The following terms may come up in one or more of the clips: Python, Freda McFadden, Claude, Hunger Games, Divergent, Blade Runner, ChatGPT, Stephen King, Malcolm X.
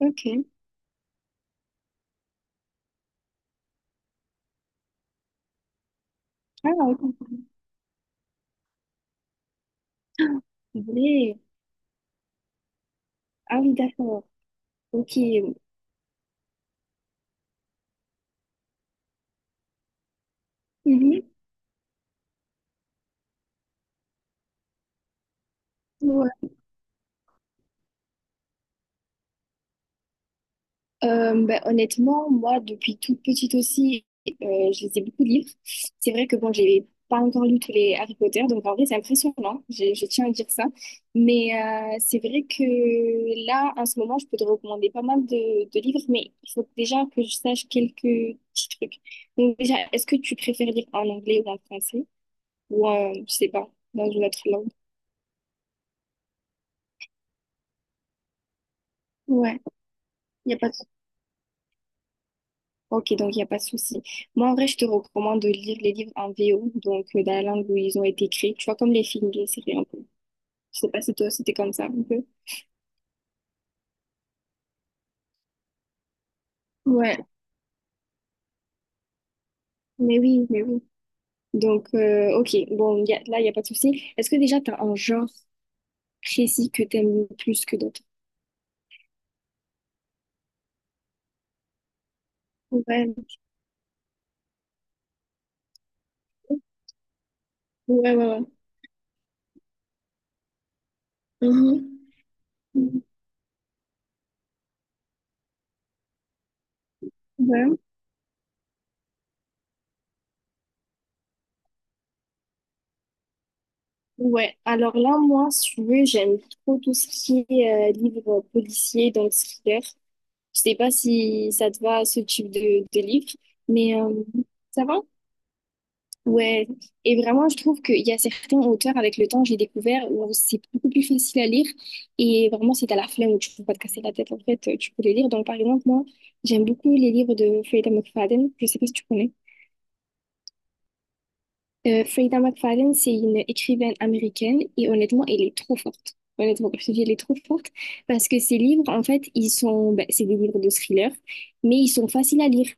Ok. Ah, ouais, comprends. Mais- Ah oui, d'accord. Ok. Mhm. Ouais. Honnêtement, moi, depuis toute petite aussi, je lisais beaucoup de livres. C'est vrai que bon, j'ai pas encore lu tous les Harry Potter, donc en vrai, c'est impressionnant. Je tiens à dire ça. Mais c'est vrai que là, en ce moment, je peux te recommander pas mal de livres, mais il faut déjà que je sache quelques petits trucs. Donc déjà, est-ce que tu préfères lire en anglais ou en français? Ou, je sais pas, dans une autre langue? Il n'y a pas de... Ok, donc il n'y a pas de souci. Moi, en vrai, je te recommande de lire les livres en VO, donc dans la langue où ils ont été créés. Tu vois, comme les films, les séries un peu. Je sais pas si toi, c'était comme ça un peu. Ouais, mais oui, mais oui. Donc, ok, bon, y a- là, il n'y a pas de souci. Est-ce que déjà, tu as un genre précis que tu aimes plus que d'autres? Ouais, ok. Ouais, ouais. Ouais. Mhm. Ouais. Ouais. Alors là, moi, si tu veux, j'aime trop tout ce qui est livre policier, donc thriller. Je sais pas si ça te va, ce type de livre, mais ça va? Ouais. Et vraiment, je trouve qu'il y a certains auteurs, avec le temps, j'ai découvert où c'est beaucoup plus facile à lire. Et vraiment, si t'as la flemme ou tu peux pas te casser la tête, en fait, tu peux les lire. Donc, par exemple, moi, j'aime beaucoup les livres de Freda McFadden. Je sais pas si tu connais. Freda McFarlane, c'est une écrivaine américaine et honnêtement, elle est trop forte. Honnêtement, comme je te dis, elle est trop forte parce que ses livres, en fait, ils sont, ben, c'est des livres de thriller, mais ils sont faciles à lire.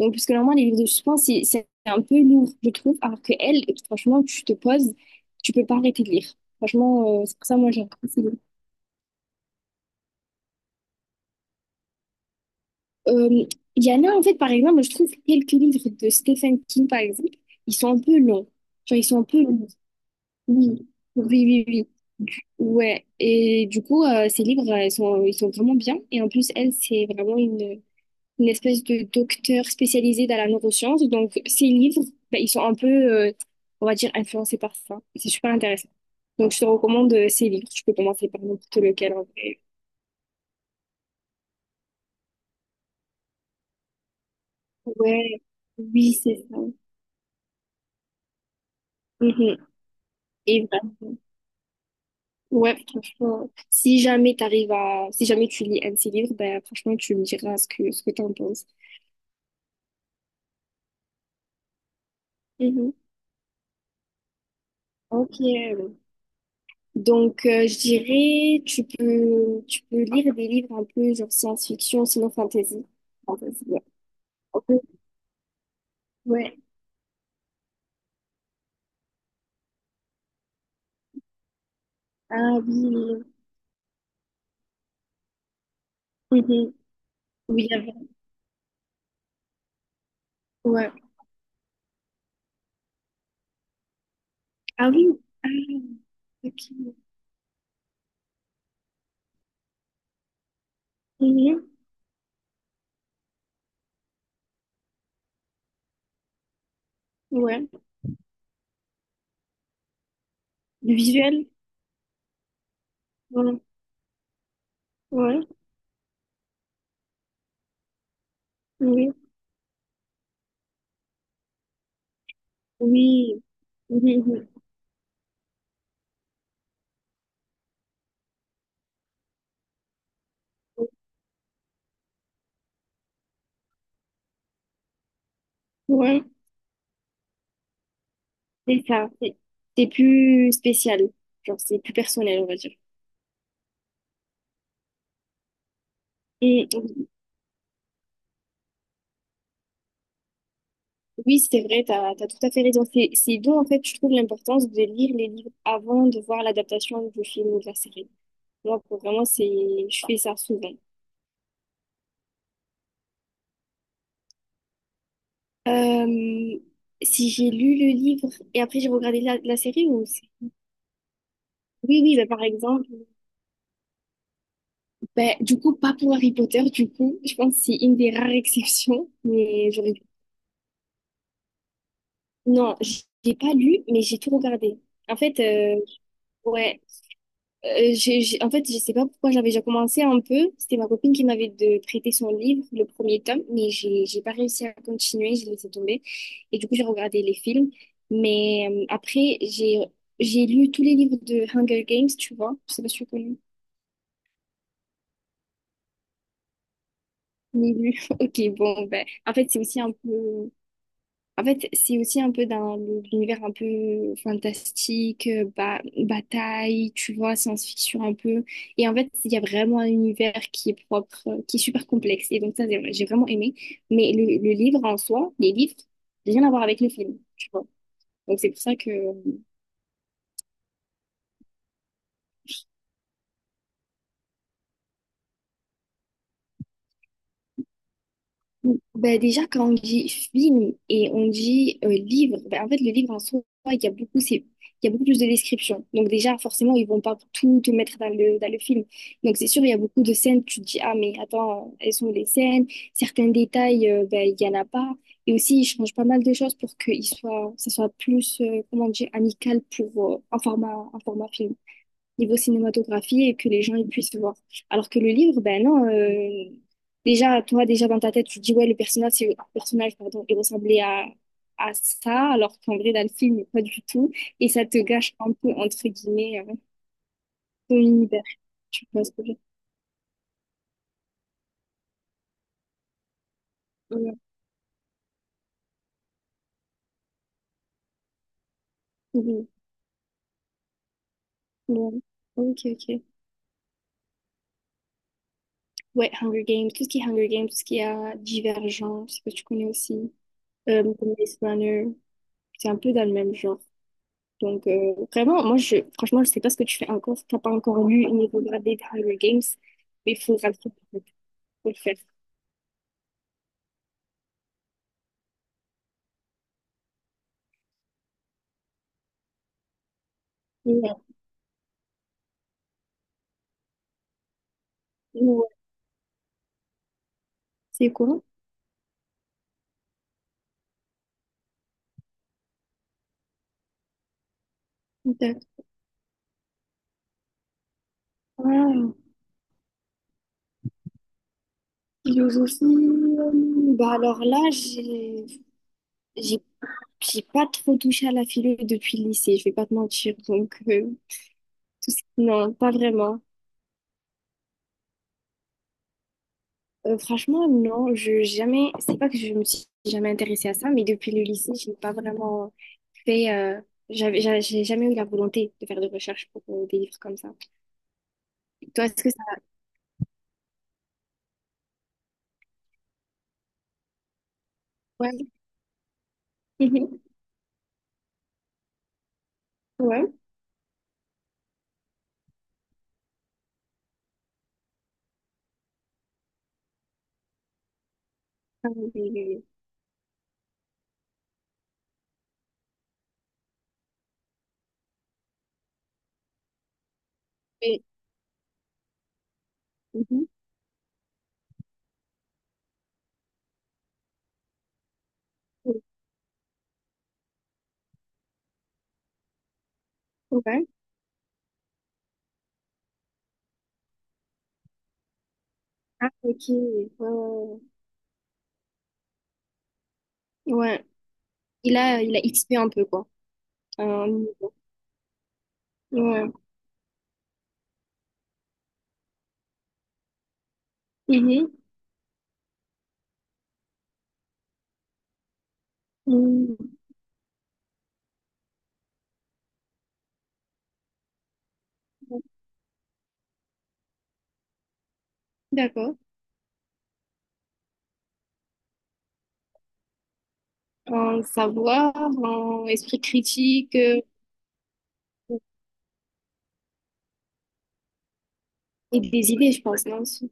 Donc, puisque normalement, les livres de suspense, c'est un peu lourd, je trouve, alors que elle, franchement, tu te poses, tu peux pas arrêter de lire. Franchement, c'est pour ça, moi, j'aime beaucoup ces livres. Euh, Il y en a, en fait, par exemple, je trouve quelques livres de Stephen King, par exemple, ils sont un peu longs. Genre, ils sont un peu longs. Oui, oui, oui, oui. Du- Ouais, et du coup, ces livres, ils sont vraiment bien. Et en plus, elle, c'est vraiment une espèce de docteur spécialisée dans la neuroscience. Donc, ces livres, bah, ils sont un peu, on va dire, influencés par ça. C'est super intéressant. Donc, je te recommande ces livres. Tu peux commencer par n'importe lequel, en vrai. Ouais, oui, c'est ça. Mhm. Et vraiment, ouais, franchement, si jamais t'arrives à, si jamais tu lis un de ces livres, ben, franchement, tu me diras ce ce que t'en penses. Mhm. Ok, donc je dirais tu peux lire des livres un peu genre science-fiction, sinon fantasy. Fantasy, ouais. Ok. Ouais. Ah oui. Mhm. Oui, il y avait- ouais. Ah oui. Ah, ok. Mhm. Ouais. Le visuel. Ouais. Ouais. Oui. Oui. Mhm. Ouais. C'est ça. C'est plus spécial. Genre c'est plus personnel, on va dire. Mhm. Oui, c'est vrai, t'as, t'as tout à fait raison. C'est d'où, en fait, je trouve l'importance de lire les livres avant de voir l'adaptation du film ou de la série. Moi, pour vraiment, c'est, je fais ça souvent. Euh, Si j'ai lu le livre et après j'ai regardé la série ou c'est- Oui, oui, bah, par exemple, bah, du coup, pas pour Harry Potter, du coup, je pense que c'est une des rares exceptions, mais j'aurais... Non, j'ai pas lu, mais j'ai tout regardé. En fait, ouais. En fait, je sais pas pourquoi j'avais déjà commencé un peu. C'était ma copine qui m'avait de prêté son livre, le premier tome, mais j'ai pas réussi à continuer, j'ai laissé tomber. Et du coup, j'ai regardé les films. Mais après, j'ai lu tous les livres de Hunger Games, tu vois. Je sais pas si tu connais. Ni lu. Ok, bon, ben, en fait, c'est aussi un peu. En fait, c'est aussi un peu dans le- l'univers un peu fantastique, bataille, tu vois, science-fiction un peu. Et en fait, il y a vraiment un univers qui est propre, qui est super complexe. Et donc ça, j'ai vraiment aimé. Mais le livre en soi, les livres, rien à voir avec le film, tu vois. Donc c'est pour ça que ben déjà, quand on dit film et on dit livre, ben en fait, le livre en soi, il y a beaucoup, c'est, il y a beaucoup plus de descriptions. Donc déjà, forcément, ils vont pas tout te mettre dans le film. Donc c'est sûr, il y a beaucoup de scènes, tu te dis, ah mais attends, elles sont où les scènes, certains détails, ben, il y en a pas. Et aussi, ils changent pas mal de choses pour que il soit, ça soit plus, comment dire, amical pour, un format film niveau cinématographie et que les gens ils puissent voir. Alors que le livre, ben non, déjà, toi, déjà dans ta tête, tu te dis, ouais, le personnage, c'est, le personnage, pardon, il ressemblait à ça, alors qu'en vrai, dans le film, pas du tout. Et ça te gâche un peu, entre guillemets, ton univers. Tu vois ce que je veux dire? Mhm. Ouais. Ok, ok. Ouais, Hunger Games, tout ce qui est Hunger Games, tout ce qui est Divergent, je sais pas si tu connais aussi, Blade Runner, c'est un peu dans le même genre. Donc, vraiment, moi, je, franchement, je sais pas ce que tu fais encore, si t'as pas encore lu et niveau gradé de Hunger Games, mais il faudra le faire, en fait. Faut le faire. Et, ouais. C'est quoi? Peut-être. Ah, philosophie. Bah alors là, j'ai j'ai pas trop touché à la philo depuis le lycée, je vais pas te mentir. Donc, tout ce- non, pas vraiment. Franchement, non, je jamais. C'est pas que je me suis jamais intéressée à ça, mais depuis le lycée, j'ai pas vraiment fait. J'ai jamais eu la volonté de faire de recherche pour des livres comme ça. Toi, est-ce que ça. Ouais. Mhm. Ouais. Ah, oui, oui, oui. Mais- Mhm. Ouais. Ah, ok. Ouais. Ouais. Il a XP un peu, quoi. Euh, ouais. Mhm. Mhm. D'accord. En savoir, en esprit critique et des idées, je pense, non? Aussi.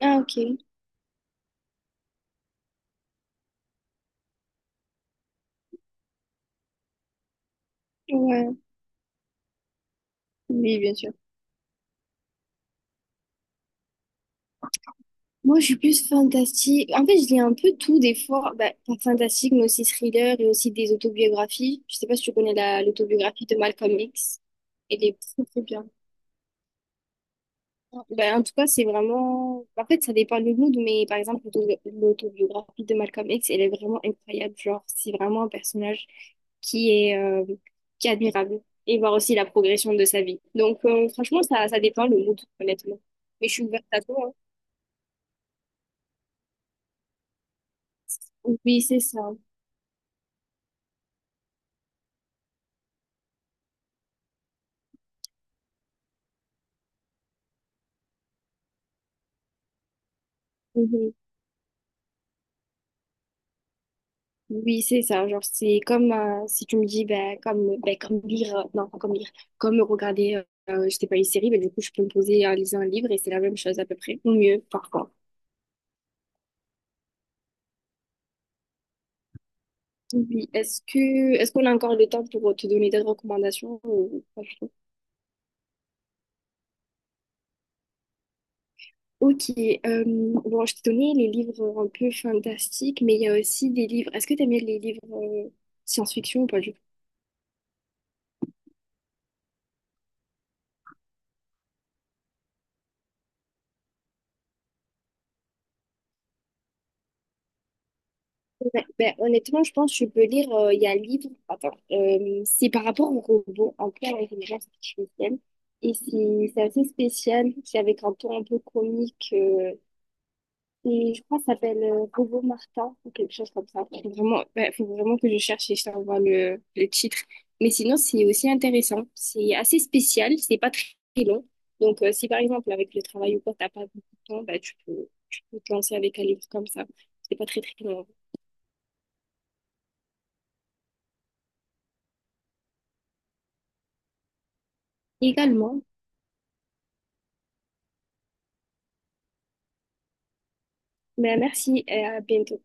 Ah, ok. Ouais. Oui, bien sûr. Moi, je suis plus fantastique. En fait, je lis un peu tout des fois. Bah, pas fantastique, mais aussi thriller et aussi des autobiographies. Je sais pas si tu connais l'autobiographie de Malcolm X. Elle est très, très bien. Bah, en tout cas, c'est vraiment... En fait, ça dépend du mood, mais par exemple, l'autobiographie de Malcolm X, elle est vraiment incroyable. Genre, c'est vraiment un personnage qui est, euh, qui est admirable. Et voir aussi la progression de sa vie. Donc, franchement, ça dépend le mood, honnêtement. Mais je suis ouverte à tout. Hein. Oui, c'est ça. Mhm. Oui, c'est ça. Genre, c'est comme si tu me dis, ben, comme lire, non, pas comme lire, comme regarder, je sais pas, une série, ben, du coup, je peux me poser à lire un livre et c'est la même chose à peu près, ou mieux, parfois. Oui, est-ce que, est-ce qu'on a encore le temps pour te donner des recommandations ou pas du tout? Ok, bon, je t'ai donné les livres un peu fantastiques, mais il y a aussi des livres, est-ce que tu aimes bien les livres science-fiction ou pas du ouais, ben, honnêtement, je pense que tu peux lire, il y a un livre, attends, c'est par rapport au robot, un peu à l'intelligence artificielle, et c'est assez spécial, c'est avec un ton un peu comique, et je crois que ça s'appelle Robot Martin, ou quelque chose comme ça. Faut vraiment, ben, faut vraiment que je cherche et je t'envoie le titre. Mais sinon, c'est aussi intéressant, c'est assez spécial, c'est pas très long, donc si par exemple, avec le travail ou quoi, t'as pas beaucoup de temps, ben, tu peux te lancer avec un livre comme ça, c'est pas très très long. Également. Ben, merci et à bientôt.